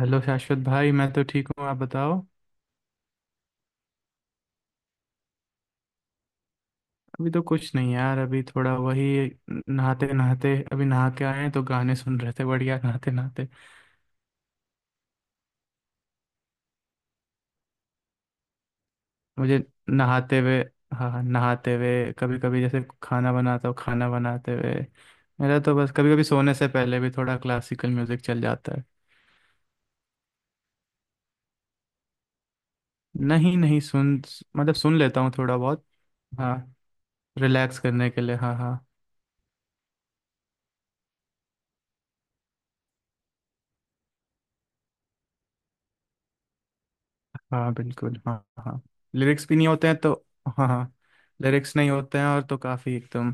Hello Shashwat भाई। मैं तो ठीक हूँ, आप बताओ। अभी तो कुछ नहीं यार। अभी थोड़ा वही, नहाते नहाते, अभी नहा के आए हैं तो गाने सुन रहे थे। बढ़िया, नहाते नहाते। मुझे नहाते हुए। हाँ हाँ, नहाते हुए कभी कभी, जैसे खाना बनाता हूँ, खाना बनाते हुए। मेरा तो बस, कभी कभी सोने से पहले भी थोड़ा क्लासिकल म्यूजिक चल जाता है। नहीं नहीं, सुन मतलब सुन लेता हूँ थोड़ा बहुत। हाँ। रिलैक्स करने के लिए, हाँ हाँ। हाँ बिल्कुल, हाँ हाँ। लिरिक्स भी नहीं होते हैं तो। हाँ हाँ। लिरिक्स नहीं होते हैं, और तो काफी एकदम,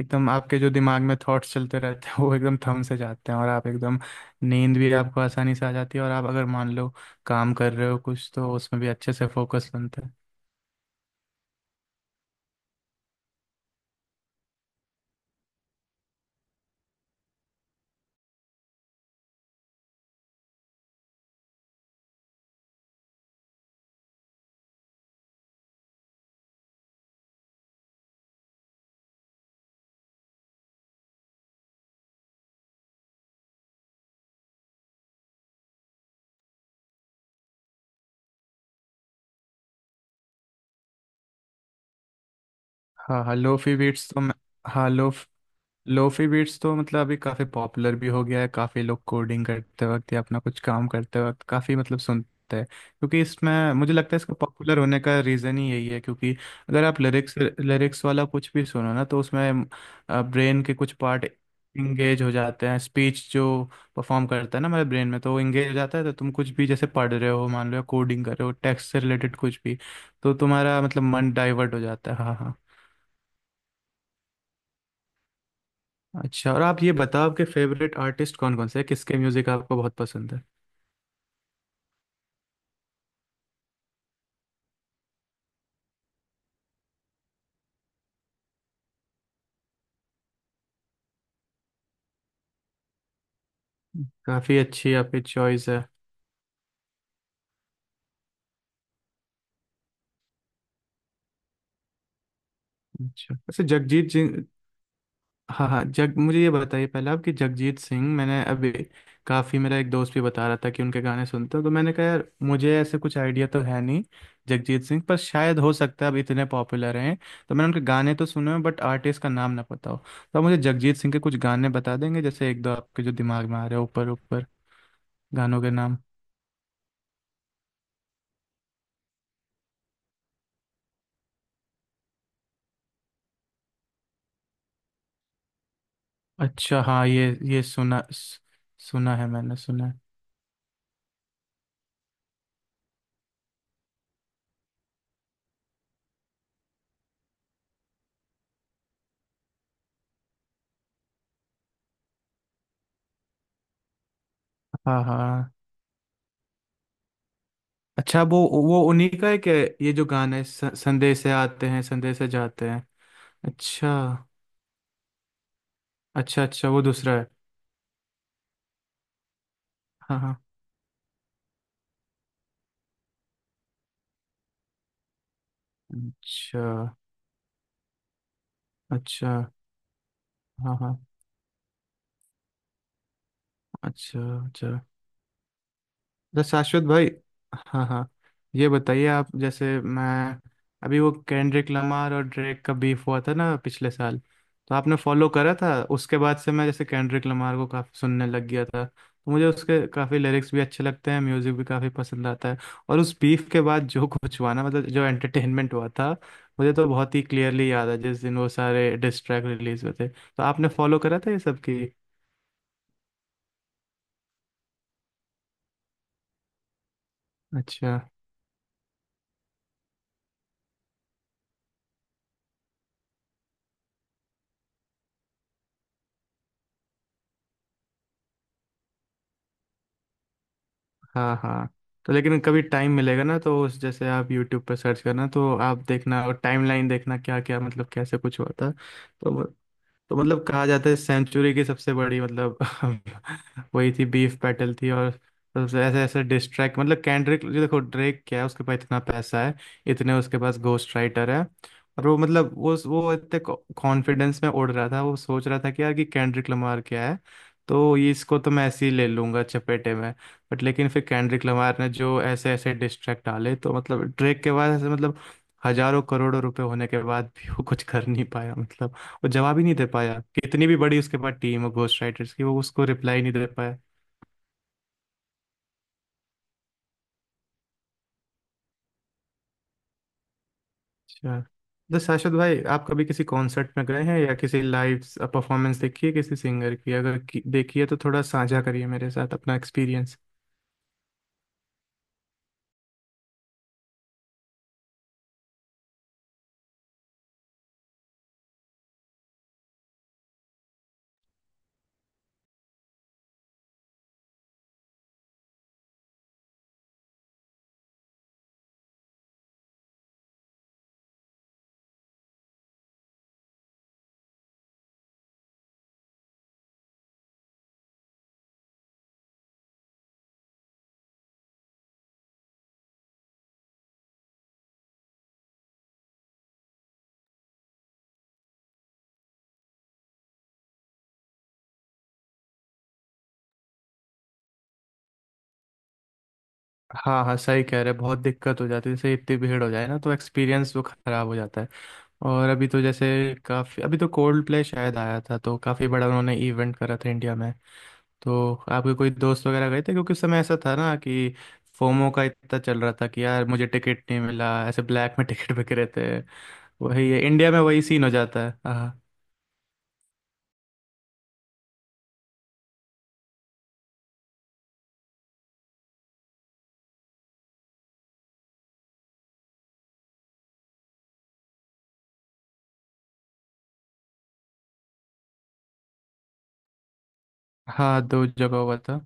एकदम आपके जो दिमाग में थॉट्स चलते रहते हैं वो एकदम थम से जाते हैं और आप एकदम, नींद भी आपको आसानी से आ जाती है। और आप अगर मान लो काम कर रहे हो कुछ, तो उसमें भी अच्छे से फोकस बनते हैं। हाँ हाँ, लोफी बीट्स तो मैं, हाँ, लो लोफी बीट्स तो मतलब अभी काफ़ी पॉपुलर भी हो गया है। काफ़ी लोग कोडिंग करते वक्त या अपना कुछ काम करते वक्त काफ़ी मतलब सुनते हैं, क्योंकि इसमें मुझे लगता है इसका पॉपुलर होने का रीज़न ही यही है, क्योंकि अगर आप लिरिक्स लिरिक्स वाला कुछ भी सुनो ना तो उसमें ब्रेन के कुछ पार्ट इंगेज हो जाते हैं। स्पीच जो परफॉर्म करता है ना हमारे ब्रेन में, तो वो इंगेज हो जाता है। तो तुम कुछ भी जैसे पढ़ रहे हो मान लो, या कोडिंग कर रहे हो, टेक्स्ट से रिलेटेड कुछ भी, तो तुम्हारा मतलब मन डाइवर्ट हो जाता है। हाँ हाँ। अच्छा, और आप ये बताओ आपके फेवरेट आर्टिस्ट कौन कौन से हैं, किसके म्यूजिक आपको बहुत पसंद है? काफी अच्छी आपकी चॉइस है। अच्छा, वैसे जगजीत सिंह। हाँ हाँ, जग मुझे ये बताइए पहले आप कि जगजीत सिंह मैंने अभी, काफी, मेरा एक दोस्त भी बता रहा था कि उनके गाने सुनता हूँ। तो मैंने कहा यार मुझे ऐसे कुछ आइडिया तो है नहीं जगजीत सिंह पर, शायद हो सकता है, अब इतने पॉपुलर हैं तो मैंने उनके गाने तो सुने हैं बट आर्टिस्ट का नाम ना पता हो। तो आप मुझे जगजीत सिंह के कुछ गाने बता देंगे? जैसे एक दो, आपके जो दिमाग में आ रहे हैं ऊपर ऊपर, गानों के नाम। अच्छा, हाँ ये सुना, सुना है, मैंने सुना है। हाँ हाँ। अच्छा, वो उन्हीं का है कि ये जो गाना है, संदेश है आते हैं, संदेश है जाते हैं? अच्छा। अच्छा अच्छा, वो दूसरा है। हाँ हाँ। अच्छा अच्छा। हाँ हाँ। अच्छा अच्छा। तो शाश्वत भाई, हाँ हाँ, ये बताइए आप, जैसे मैं, अभी वो केंड्रिक लमार और ड्रेक का बीफ हुआ था ना पिछले साल, तो आपने फॉलो करा था? उसके बाद से मैं जैसे केंड्रिक लमार को काफ़ी सुनने लग गया था, तो मुझे उसके काफ़ी लिरिक्स भी अच्छे लगते हैं, म्यूज़िक भी काफ़ी पसंद आता है। और उस बीफ के बाद जो कुछ हुआ ना, मतलब जो एंटरटेनमेंट हुआ था, मुझे तो बहुत ही क्लियरली याद है। जिस दिन वो सारे डिस्ट्रैक्ट रिलीज हुए थे, तो आपने फॉलो करा था ये सब की? अच्छा। हाँ हाँ। तो लेकिन कभी टाइम मिलेगा ना तो उस, जैसे आप यूट्यूब पर सर्च करना, तो आप देखना, और टाइमलाइन देखना, क्या क्या मतलब कैसे कुछ हुआ था। तो तो मतलब कहा जाता है सेंचुरी की सबसे बड़ी, मतलब वही थी बीफ बैटल थी। और सबसे ऐसे ऐसे डिस्ट्रैक्ट, मतलब कैंड्रिक जो, देखो ड्रेक क्या है, उसके पास इतना पैसा है, इतने उसके पास घोस्ट राइटर है। और वो मतलब वो इतने कॉन्फिडेंस में उड़ रहा था। वो सोच रहा था कि यार कि कैंड्रिक लमार क्या है, तो ये, इसको तो मैं ऐसे ही ले लूंगा चपेटे में। बट लेकिन फिर कैंड्रिक लमार ने जो ऐसे ऐसे डिस्ट्रैक्ट डाले, तो मतलब ड्रेक के बाद ऐसे मतलब, हजारों करोड़ों रुपए होने के बाद भी वो कुछ कर नहीं पाया, मतलब वो जवाब ही नहीं दे पाया। कितनी भी बड़ी उसके पास टीम हो घोस्ट राइटर्स की, वो उसको रिप्लाई नहीं दे पाया। अच्छा, तो शाश्वत भाई, आप कभी किसी कॉन्सर्ट में गए हैं या किसी लाइव परफॉर्मेंस देखी है किसी सिंगर की? अगर की, देखी है तो थोड़ा साझा करिए मेरे साथ अपना एक्सपीरियंस। हाँ हाँ, सही कह रहे हैं, बहुत दिक्कत हो जाती है। जैसे इतनी भीड़ हो जाए ना तो एक्सपीरियंस वो खराब हो जाता है। और अभी तो जैसे काफी, अभी तो कोल्ड प्ले शायद आया था, तो काफी बड़ा उन्होंने इवेंट करा था इंडिया में। तो आपके कोई दोस्त वगैरह गए थे? क्योंकि उस समय ऐसा था ना कि फोमो का इतना चल रहा था कि यार मुझे टिकट नहीं मिला, ऐसे ब्लैक में टिकट बिक रहे थे। वही है, इंडिया में वही सीन हो जाता है। हाँ हाँ, दो जगह हुआ था।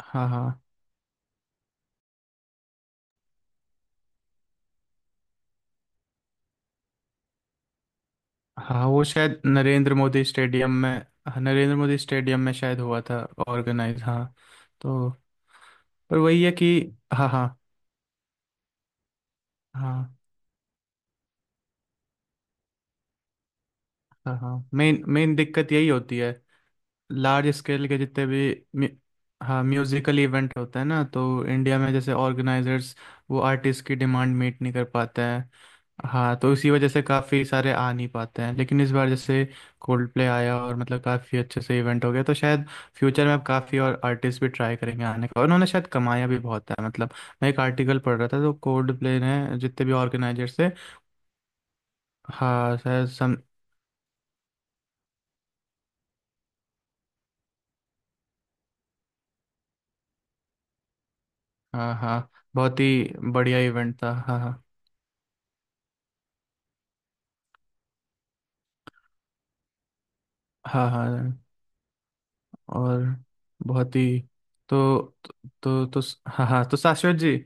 हाँ हाँ हाँ, वो शायद नरेंद्र मोदी स्टेडियम में, हाँ, नरेंद्र मोदी स्टेडियम में शायद हुआ था ऑर्गेनाइज। हाँ। तो, पर वही है कि, हाँ हाँ हाँ हाँ हाँ, मेन मेन दिक्कत यही होती है। लार्ज स्केल के जितने भी म्यू- हाँ, म्यूजिकल इवेंट होता है ना तो इंडिया में जैसे ऑर्गेनाइजर्स, वो आर्टिस्ट की डिमांड मीट नहीं कर पाते हैं। हाँ, तो इसी वजह से काफ़ी सारे आ नहीं पाते हैं। लेकिन इस बार जैसे कोल्ड प्ले आया और मतलब काफ़ी अच्छे से इवेंट हो गया, तो शायद फ्यूचर में अब काफ़ी और आर्टिस्ट भी ट्राई करेंगे आने का। और उन्होंने शायद कमाया भी बहुत है, मतलब मैं एक आर्टिकल पढ़ रहा था, तो कोल्ड प्ले ने जितने भी ऑर्गेनाइजर्स थे, हाँ शायद सम, हाँ हाँ बहुत ही बढ़िया इवेंट था, हाँ हाँ हाँ हाँ हाँ। और बहुत ही, तो तो हाँ हाँ, तो शाश्वत जी,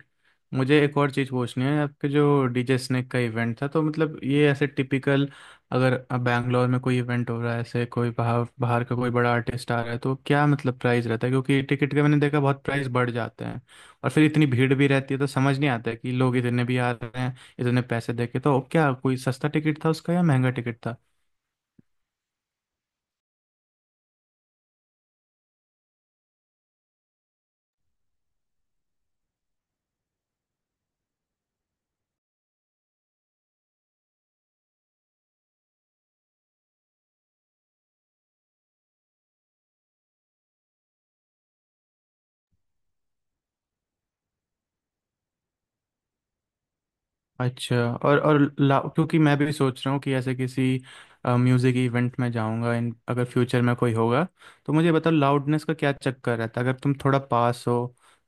मुझे एक और चीज़ पूछनी है। आपके जो डीजे स्नेक का इवेंट था, तो मतलब ये ऐसे टिपिकल, अगर बैंगलोर में कोई इवेंट हो रहा है, ऐसे कोई बाहर बाहर का कोई बड़ा आर्टिस्ट आ रहा है, तो क्या मतलब प्राइस रहता है? क्योंकि टिकट का मैंने देखा, बहुत प्राइस बढ़ जाते हैं। और फिर इतनी भीड़ भी रहती है, तो समझ नहीं आता है कि लोग इतने भी आ रहे हैं इतने पैसे दे के। तो क्या कोई सस्ता टिकट था उसका या महंगा टिकट था? अच्छा, और ला क्योंकि मैं भी सोच रहा हूँ कि ऐसे किसी म्यूज़िक इवेंट में जाऊंगा इन, अगर फ्यूचर में कोई होगा। तो मुझे बताओ लाउडनेस का क्या चक्कर रहता है? अगर तुम थोड़ा पास हो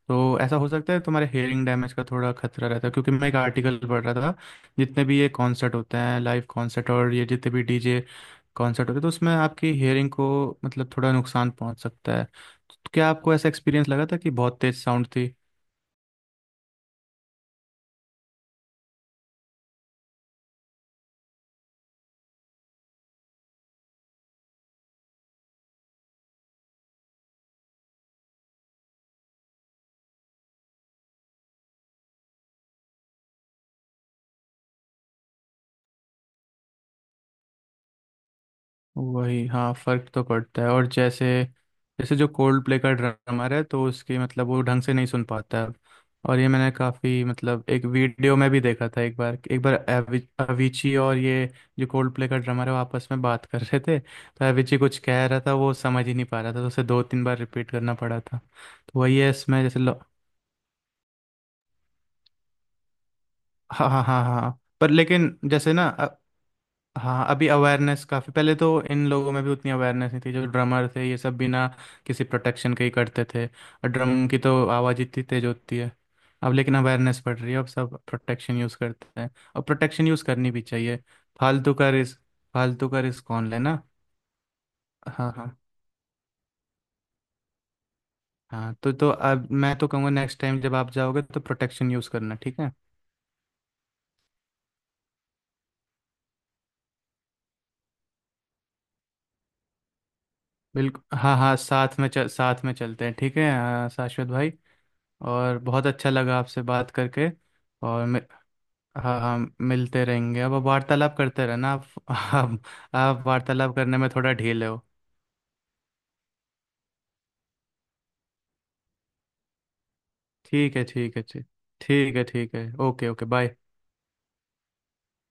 तो ऐसा हो सकता है तुम्हारे हेयरिंग डैमेज का थोड़ा खतरा रहता है, क्योंकि मैं एक आर्टिकल पढ़ रहा था। जितने भी ये कॉन्सर्ट होते हैं लाइव कॉन्सर्ट, और ये जितने भी डीजे कॉन्सर्ट होते हैं, तो उसमें आपकी हेयरिंग को मतलब थोड़ा नुकसान पहुंच सकता है। तो क्या आपको ऐसा एक्सपीरियंस लगा था कि बहुत तेज साउंड थी? वही, हाँ, फर्क तो पड़ता है। और जैसे, जैसे जो कोल्ड प्ले का ड्रमर है, तो उसकी, मतलब वो ढंग से नहीं सुन पाता है। और ये मैंने काफ़ी, मतलब एक वीडियो में भी देखा था एक बार, एक बार अविची और ये जो कोल्ड प्ले का ड्रमर है वो आपस में बात कर रहे थे, तो अविची कुछ कह रहा था वो समझ ही नहीं पा रहा था, तो उसे दो तीन बार रिपीट करना पड़ा था। तो वही है इसमें जैसे हाँ हाँ हाँ हाँ हाँ। पर लेकिन जैसे ना, हाँ अभी अवेयरनेस काफ़ी, पहले तो इन लोगों में भी उतनी अवेयरनेस नहीं थी। जो ड्रमर थे ये सब बिना किसी प्रोटेक्शन के ही करते थे, और ड्रम की तो आवाज़ इतनी तेज होती है। अब लेकिन अवेयरनेस बढ़ रही है, अब सब प्रोटेक्शन यूज़ करते हैं, और प्रोटेक्शन यूज़ करनी भी चाहिए। फालतू का रिस्क फालतू का रिस्क कौन लेना। हाँ हाँ। हाँ, तो अब मैं तो कहूँगा नेक्स्ट टाइम जब आप जाओगे तो प्रोटेक्शन यूज़ करना, ठीक है? बिल्कुल, हाँ हाँ, साथ में चलते हैं, ठीक है। शाश्वत भाई, और बहुत अच्छा लगा आपसे बात करके। और हाँ हाँ, मिलते रहेंगे अब, आप वार्तालाप करते रहना। आप, आप आप वार्तालाप करने में थोड़ा ढीले हो। ठीक है ठीक है, ठीक, ठीक है ठीक है, ओके ओके, बाय।